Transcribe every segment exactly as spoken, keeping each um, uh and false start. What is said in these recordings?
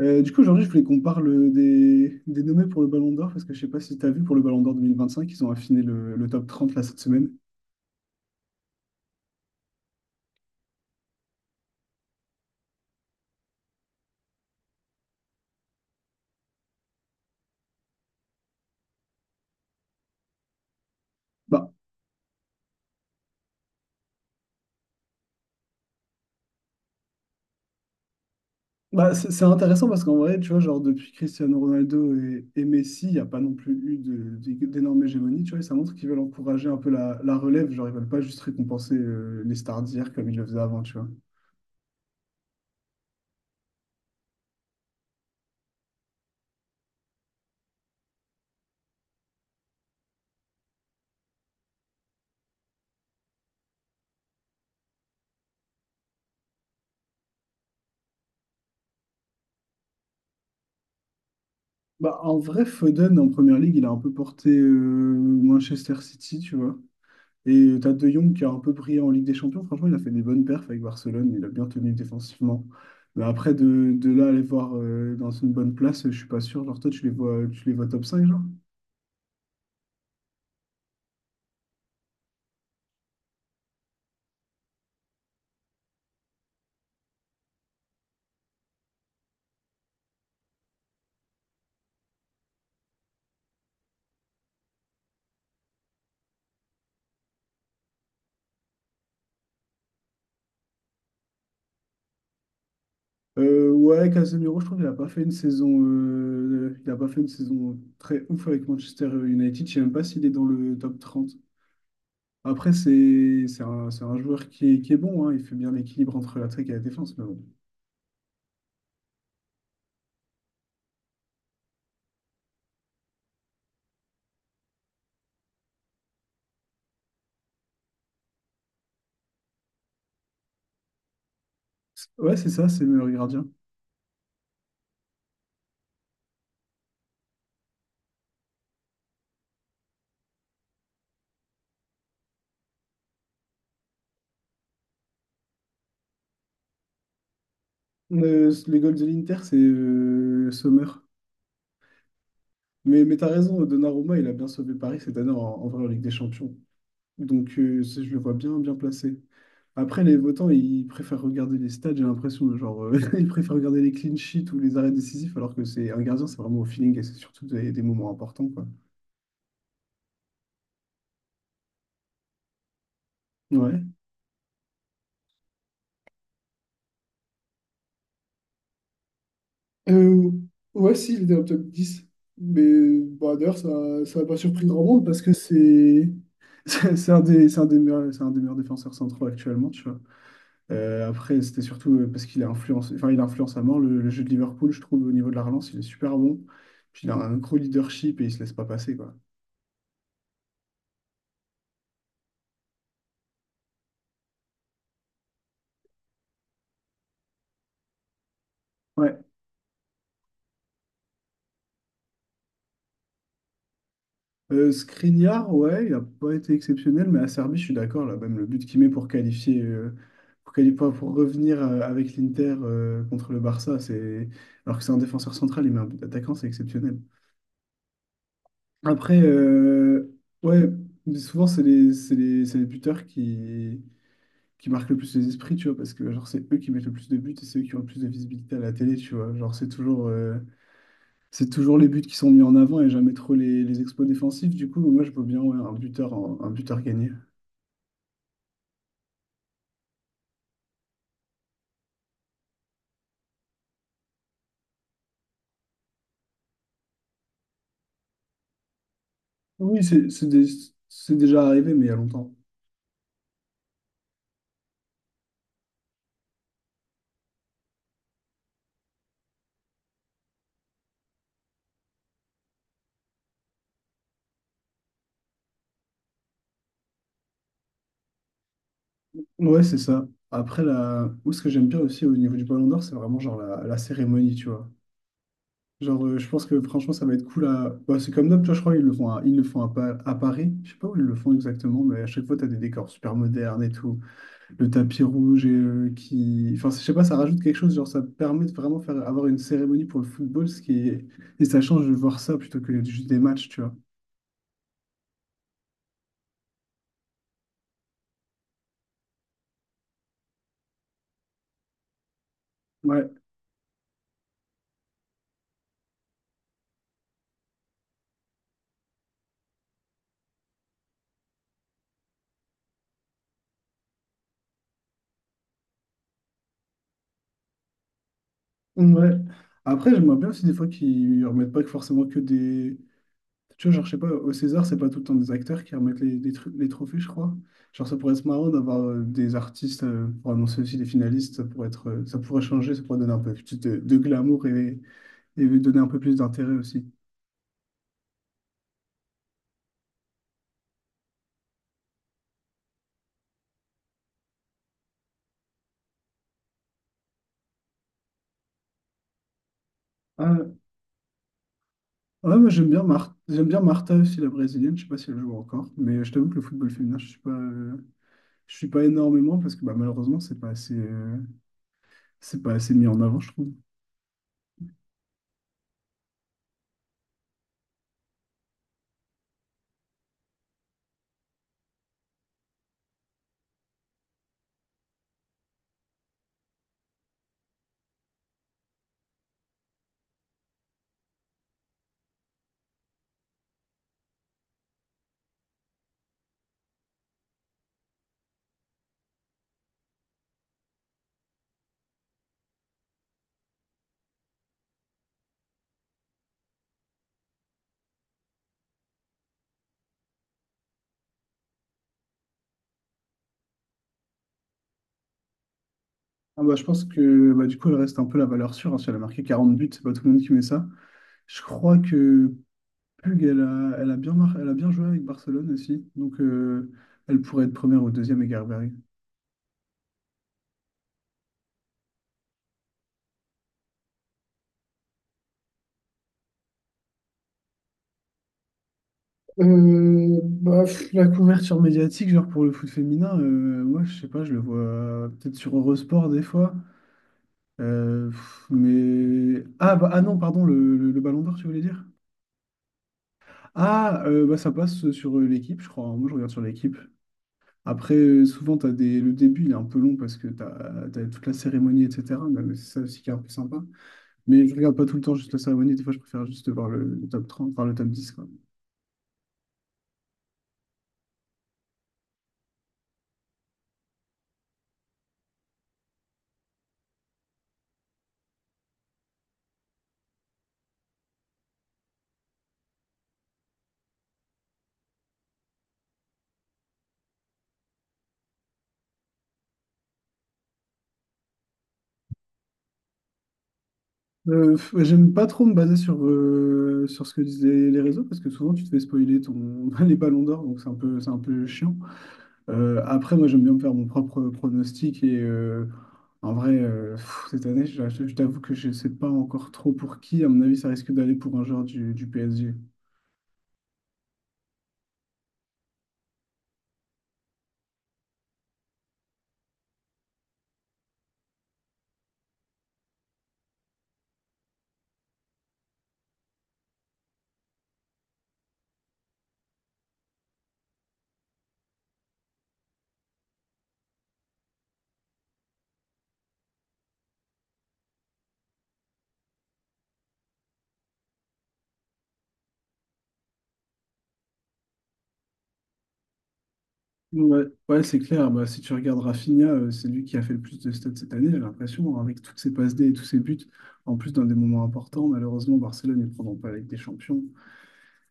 Euh, du coup, aujourd'hui, je voulais qu'on parle des, des nommés pour le Ballon d'Or, parce que je sais pas si tu as vu pour le Ballon d'Or deux mille vingt-cinq ils ont affiné le, le top trente là cette semaine. Bah, bah c'est c'est intéressant parce qu'en vrai, tu vois, genre depuis Cristiano Ronaldo et, et Messi, il n'y a pas non plus eu de- de- d'énorme hégémonie, tu vois, et ça montre qu'ils veulent encourager un peu la, la relève, genre ils veulent pas juste récompenser euh, les stars d'hier comme ils le faisaient avant, tu vois. Bah, en vrai, Foden en première ligue, il a un peu porté euh, Manchester City, tu vois. Et t'as De Jong qui a un peu brillé en Ligue des Champions. Franchement, il a fait des bonnes perfs avec Barcelone. Il a bien tenu défensivement. Mais après, de, de là, aller voir euh, dans une bonne place, je suis pas sûr. Genre, toi, tu les vois, tu les vois top cinq genre? Euh, ouais, Casemiro, je trouve qu'il a pas fait une saison, euh, il a pas fait une saison très ouf avec Manchester United. Je sais même pas s'il est dans le top trente. Après, c'est c'est un, c'est un joueur qui est, qui est bon, hein. Il fait bien l'équilibre entre l'attaque et la défense, mais bon. Ouais, c'est ça, c'est le meilleur gardien. Euh, les goals de l'Inter, c'est euh, Sommer. Mais, mais t'as raison, Donnarumma, il a bien sauvé Paris cette année en, en vrai en Ligue des Champions. Donc euh, c'est- je le vois bien, bien placé. Après, les votants, ils préfèrent regarder les stats, j'ai l'impression, hein. Genre, euh, ils préfèrent regarder les clean sheets ou les arrêts décisifs, alors que c'est un gardien, c'est vraiment au feeling et c'est surtout des, des moments importants, quoi. Ouais. Euh, ouais, si, il était dans le top dix. Mais bah, d'ailleurs, ça, ça n'a pas surpris grand monde parce que c'est c'est un des, c'est un des meilleurs, c'est un des meilleurs défenseurs centraux actuellement, tu vois. Euh, après, c'était surtout euh, parce qu'il a influencé, enfin, il influence à mort le, le jeu de Liverpool, je trouve. Au niveau de la relance, il est super bon. Puis il a un gros leadership et il se laisse pas passer, quoi. Ouais. Euh, Skriniar, ouais, il a pas été exceptionnel, mais Acerbi, je suis d'accord, là, même le but qu'il met pour qualifier, euh, pour quali- pour pour revenir euh, avec l'Inter euh, contre le Barça, c'est... alors que c'est un défenseur central, il met un but d'attaquant, c'est exceptionnel. Après, euh, ouais, mais souvent, c'est les, c'est les, c'est les buteurs qui, qui marquent le plus les esprits, tu vois, parce que genre c'est eux qui mettent le plus de buts et c'est eux qui ont le plus de visibilité à la télé, tu vois. Genre c'est toujours, euh, c'est toujours les buts qui sont mis en avant et jamais trop les, les exploits défensifs. Du coup, moi je veux bien ouais, un buteur, un, un buteur gagné. Oui, c'est c'est des- c'est déjà arrivé, mais il y a longtemps. Ouais, c'est ça. Après, là, où ce que j'aime bien aussi au niveau du Ballon d'Or, c'est vraiment genre la, la cérémonie, tu vois. Genre, euh, je pense que franchement, ça va être cool à... bah, c'est comme d'hab, tu vois, je crois qu'ils le font à, ils le font à, Pa- à Paris. Je sais pas où ils le font exactement, mais à chaque fois, t'as des décors super modernes et tout. Le tapis rouge et euh, qui. Enfin, je sais pas, ça rajoute quelque chose, genre ça permet de vraiment faire avoir une cérémonie pour le football, ce qui est... Et ça change de voir ça plutôt que juste des matchs, tu vois. Ouais. Ouais. Après, j'aimerais bien aussi des fois qu'ils remettent pas que forcément que des. Tu vois, genre, je sais pas, au César, c'est pas tout le temps des acteurs qui remettent les, les, tru- les trophées, je crois. Genre, ça pourrait être marrant d'avoir euh, des artistes euh, pour annoncer aussi les finalistes, ça pourrait être, euh, ça pourrait changer, ça pourrait donner un peu plus de, de glamour et, et donner un peu plus d'intérêt aussi. Ouais, moi j'aime bien Martha, j'aime bien Martha aussi, la brésilienne. Je sais pas si elle joue encore, mais je t'avoue que le football féminin, je suis pas, euh, je suis pas énormément parce que bah, malheureusement c'est pas assez, euh, c'est pas assez mis en avant, je trouve. Ah bah, je pense que bah, du coup elle reste un peu la valeur sûre, hein. Si elle a marqué quarante buts, c'est pas tout le monde qui met ça. Je crois que Pug, elle a, elle a bien mar- elle a bien joué avec Barcelone aussi, donc euh, elle pourrait être première ou deuxième avec... Euh, bah, pff, la couverture médiatique, genre pour le foot féminin, euh, moi je sais pas, je le vois peut-être sur Eurosport des fois. Euh, pff, mais. Ah, bah, ah non, pardon, le, le- le Ballon d'Or, tu voulais dire? Ah, euh, bah, ça passe sur euh, l'équipe, je crois, hein. Moi je regarde sur l'équipe. Après, euh, souvent, t'as des... le début il est un peu long parce que t'as, t'as toute la cérémonie, et cétéra. Mais mais c'est ça aussi qui est un peu sympa. Mais je regarde pas tout le temps juste la cérémonie, des fois je préfère juste voir le, le top trente, enfin le top dix. Euh, pff, ouais, j'aime pas trop me baser sur, euh, sur ce que disaient les réseaux parce que souvent tu te fais spoiler ton, les ballons d'or, donc c'est un peu, c'est un peu chiant. Euh, après, moi j'aime bien me faire mon propre pronostic et euh, en vrai, euh, pff, cette année, je, je- je t'avoue que je sais pas encore trop pour qui. À mon avis, ça risque d'aller pour un joueur du, du P S G. Ouais, ouais, c'est clair. Bah, si tu regardes Rafinha, euh, c'est lui qui a fait le plus de stats cette année, j'ai l'impression, hein, avec toutes ses passes D et tous ses buts. En plus, dans des moments importants, malheureusement, Barcelone ne prendront pas la Ligue des Champions.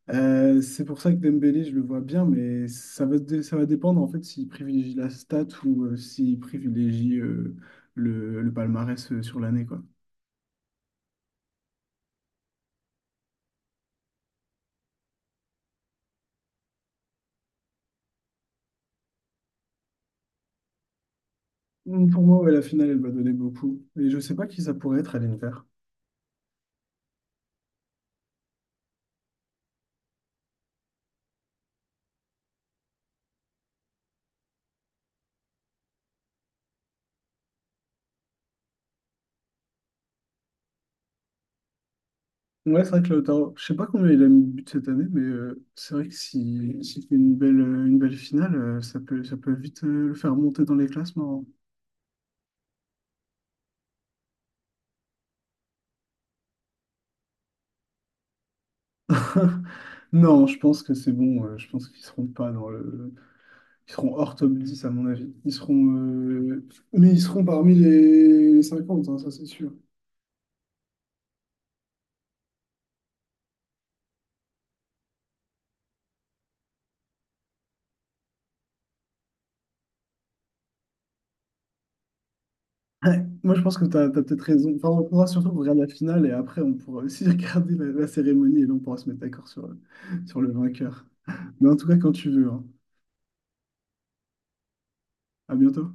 Euh, c'est pour ça que Dembélé, je le vois bien, mais ça va, dé- ça va dépendre en fait s'il privilégie la stat ou euh, s'il privilégie euh, le, le palmarès euh, sur l'année, quoi. Mm, pour moi, ouais, la finale, elle va donner beaucoup. Et je sais pas qui ça pourrait être à l'Inter. Ouais, c'est vrai que Lautaro, je sais pas combien il a mis de buts cette année, mais euh, c'est vrai que si, s'il fait une belle, euh, une belle finale, euh, ça peut, ça peut vite euh, le faire monter dans les classements. Non, je pense que c'est bon. euh, Je pense qu'ils seront pas dans le... Ils seront hors top dix à mon avis. Ils seront, euh, Mais ils seront parmi les les cinquante, hein, ça c'est sûr. Ouais, moi, je pense que tu as peut-être raison. Enfin, on pourra surtout regarder la finale et après, on pourra aussi regarder la, la cérémonie et là, on pourra se mettre d'accord sur, euh, sur le vainqueur. Mais en tout cas, quand tu veux, hein. À bientôt.